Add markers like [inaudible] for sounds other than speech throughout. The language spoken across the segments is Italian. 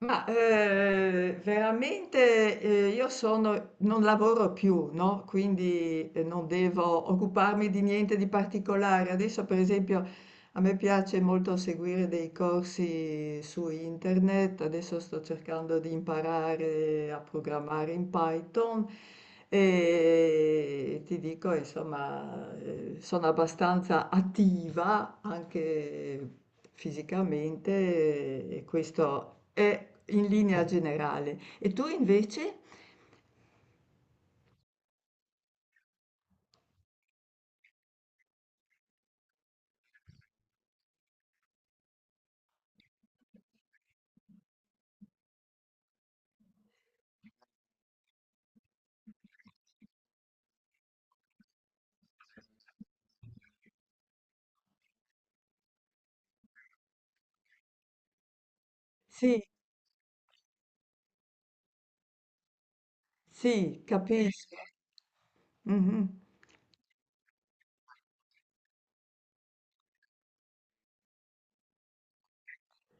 Veramente io sono, non lavoro più, no? Quindi non devo occuparmi di niente di particolare. Adesso, per esempio, a me piace molto seguire dei corsi su internet, adesso sto cercando di imparare a programmare in Python e ti dico, insomma, sono abbastanza attiva anche fisicamente e questo è in linea generale. E tu invece? Sì, sì, capisco. Mhm.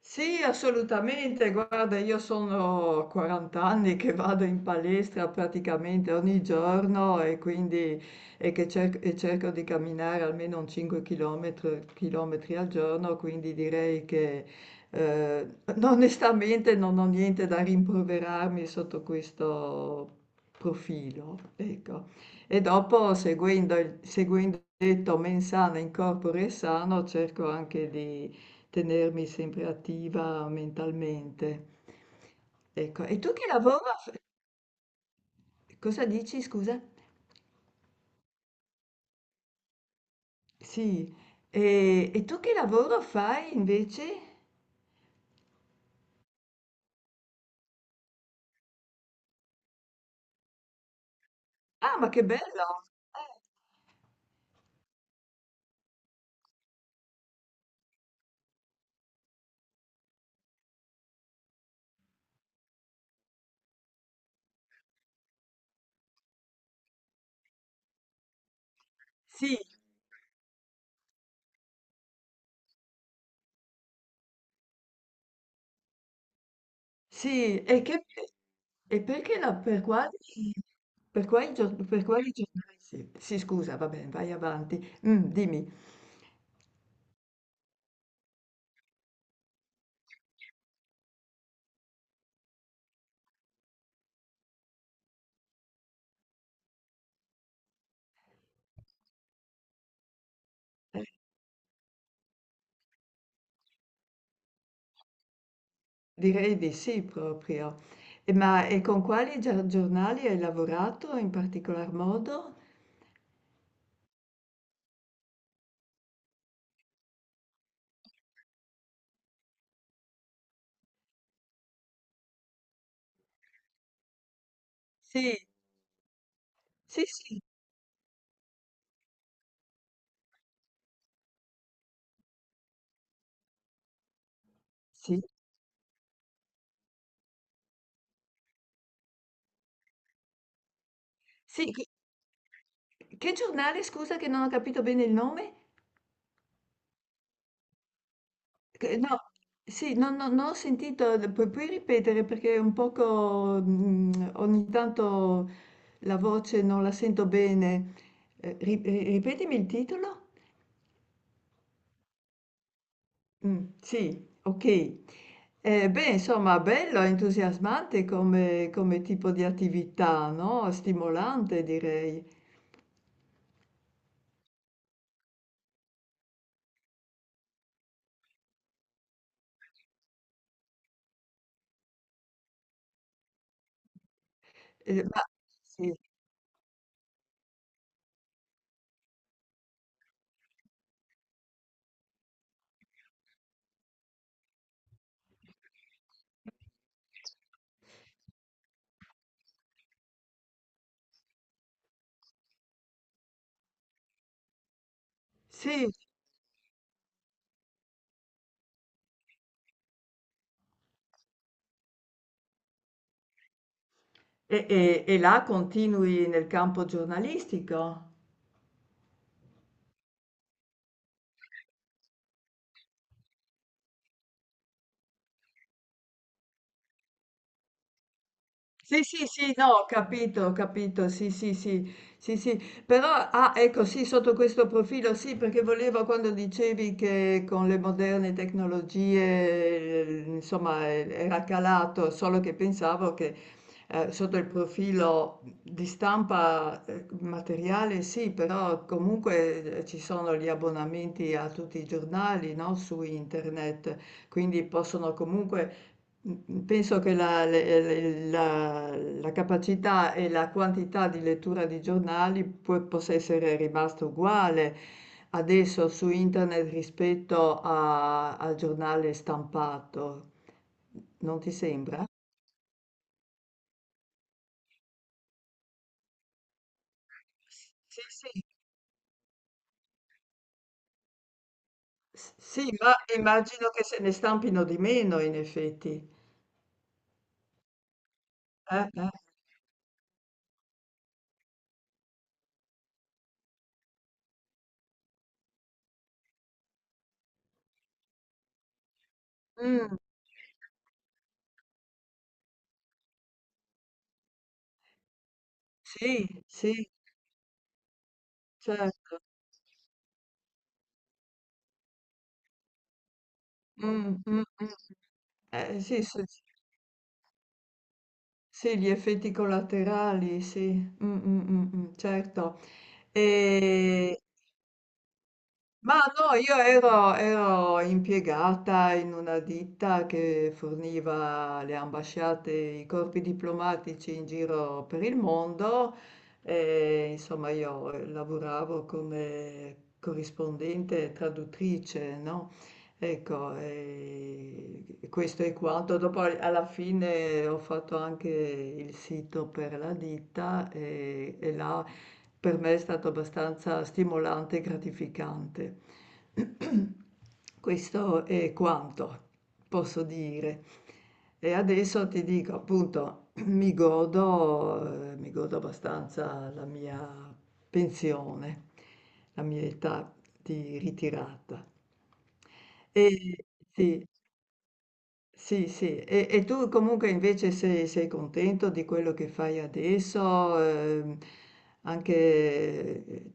Sì, assolutamente. Guarda, io sono 40 anni che vado in palestra praticamente ogni giorno e cerco di camminare almeno un 5 chilometri al giorno, quindi direi che eh, onestamente non ho niente da rimproverarmi sotto questo profilo. Ecco. E dopo, seguendo il detto mens sana in corpore sano, cerco anche di tenermi sempre attiva mentalmente. Ecco, e tu che lavoro cosa dici, scusa? Sì, e tu che lavoro fai invece? Ah, ma che bello! Eh, sì, sì, e, che, e perché la, per quali, gior- per quali giornali siete? Sì, scusa, va bene, vai avanti. Mm, dimmi. Eh, direi di sì proprio. E ma e con quali giornali hai lavorato in particolar modo? Sì, sì, sì, sì. Sì, che giornale, scusa, che non ho capito bene il nome? Che no, sì, non ho sentito, puoi ripetere perché un poco ogni tanto la voce non la sento bene. Ripetimi il titolo? Mm, sì, ok. Beh, insomma, bello, entusiasmante come, come tipo di attività, no? Stimolante, direi. Eh, ma- sì. Sì, e e là continui nel campo giornalistico? Sì, sì, sì, no, ho capito, sì, sì, sì, sì, sì, però, ah, ecco, sì, sotto questo profilo, sì, perché volevo quando dicevi che con le moderne tecnologie, insomma, era calato, solo che pensavo che sotto il profilo di stampa materiale, sì, però comunque ci sono gli abbonamenti a tutti i giornali, no, su internet, quindi possono comunque mh-mh, penso che la capacità e la quantità di lettura di giornali può possa essere rimasta uguale adesso su internet rispetto a al giornale stampato. N non ti sembra? Sì, sì. S sì, ma immagino che se ne stampino di meno in effetti. Eh. Mh, sì, sì, certo. Mh, mh, mh. Eh, sì, s sì, gli effetti collaterali, sì. Mh, mh, certo. E ma no, io ero, ero impiegata in una ditta che forniva alle ambasciate i corpi diplomatici in giro per il mondo e insomma io lavoravo come corrispondente e traduttrice, no? Ecco, e questo è quanto. Dopo alla fine ho fatto anche il sito per la ditta e là per me è stato abbastanza stimolante e gratificante. [clears throat] [coughs] Questo è quanto posso dire. E adesso ti dico, appunto, [clears throat] mi godo abbastanza la mia pensione, la mia età di ritirata. E sì, sì, sì. E tu comunque invece sei contento di quello che fai adesso? Anche... eh,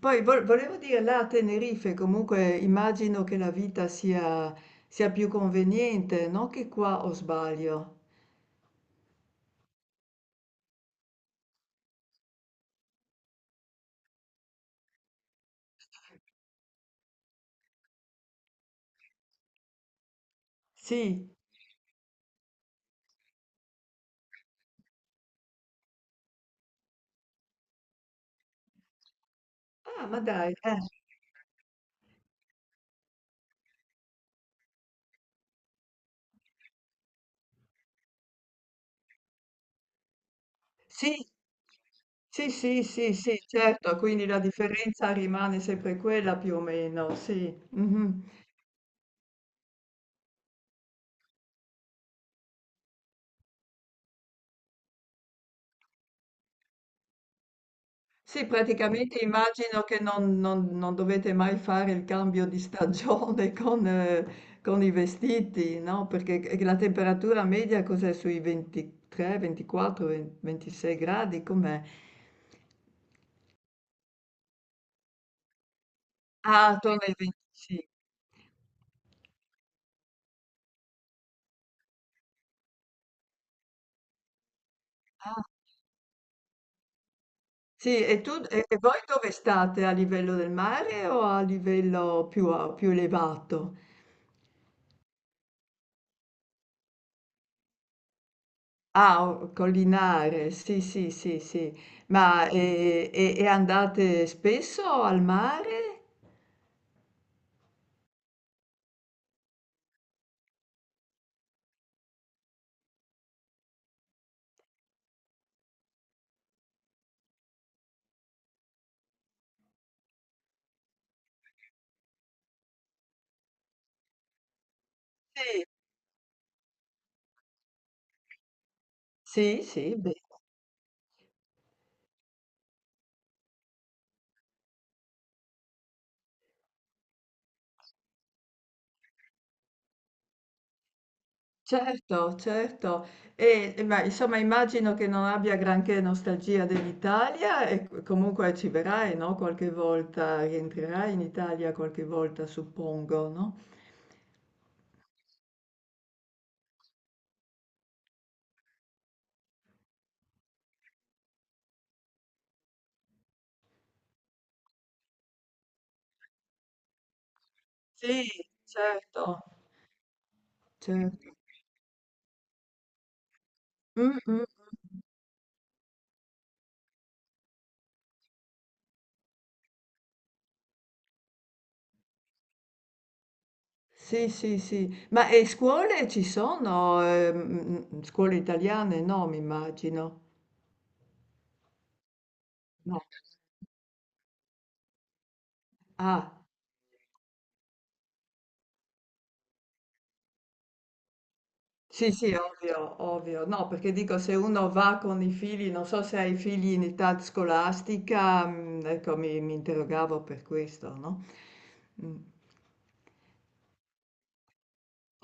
Volevo dire, là a Tenerife comunque immagino che la vita sia, sia più conveniente, non che qua, o sbaglio. Sì. Ah, ma dai. Eh. Sì. Sì, sì, sì, sì, certo, quindi la differenza rimane sempre quella più o meno, sì. Mhm. Sì, praticamente immagino che non dovete mai fare il cambio di stagione [laughs] con i vestiti, no? Perché la temperatura media cos'è, sui 23, 24, 20, 26 gradi? Com'è? Ah, attorno ai 25. Ah, sì, e tu, e voi dove state? A livello del mare o a livello più elevato? Ah, o collinare, sì, sì, sì, sì. Ma e andate spesso al mare? Sì, sì, sì, beh, certo, certo. E ma insomma immagino che non abbia granché nostalgia dell'Italia e comunque ci verrai, no? Qualche volta, rientrerai in Italia qualche volta, suppongo, no? Sì, certo, certo. Mm, mm. Sì, sì, sì. Ma e scuole ci sono? Mhmm, scuole italiane? No, mi immagino. No. Ah. Sì, sì, ovvio, ovvio. No, perché dico se uno va con i figli, non so se hai figli in età scolastica, mhmm, ecco mi interrogavo per questo, no? Mm.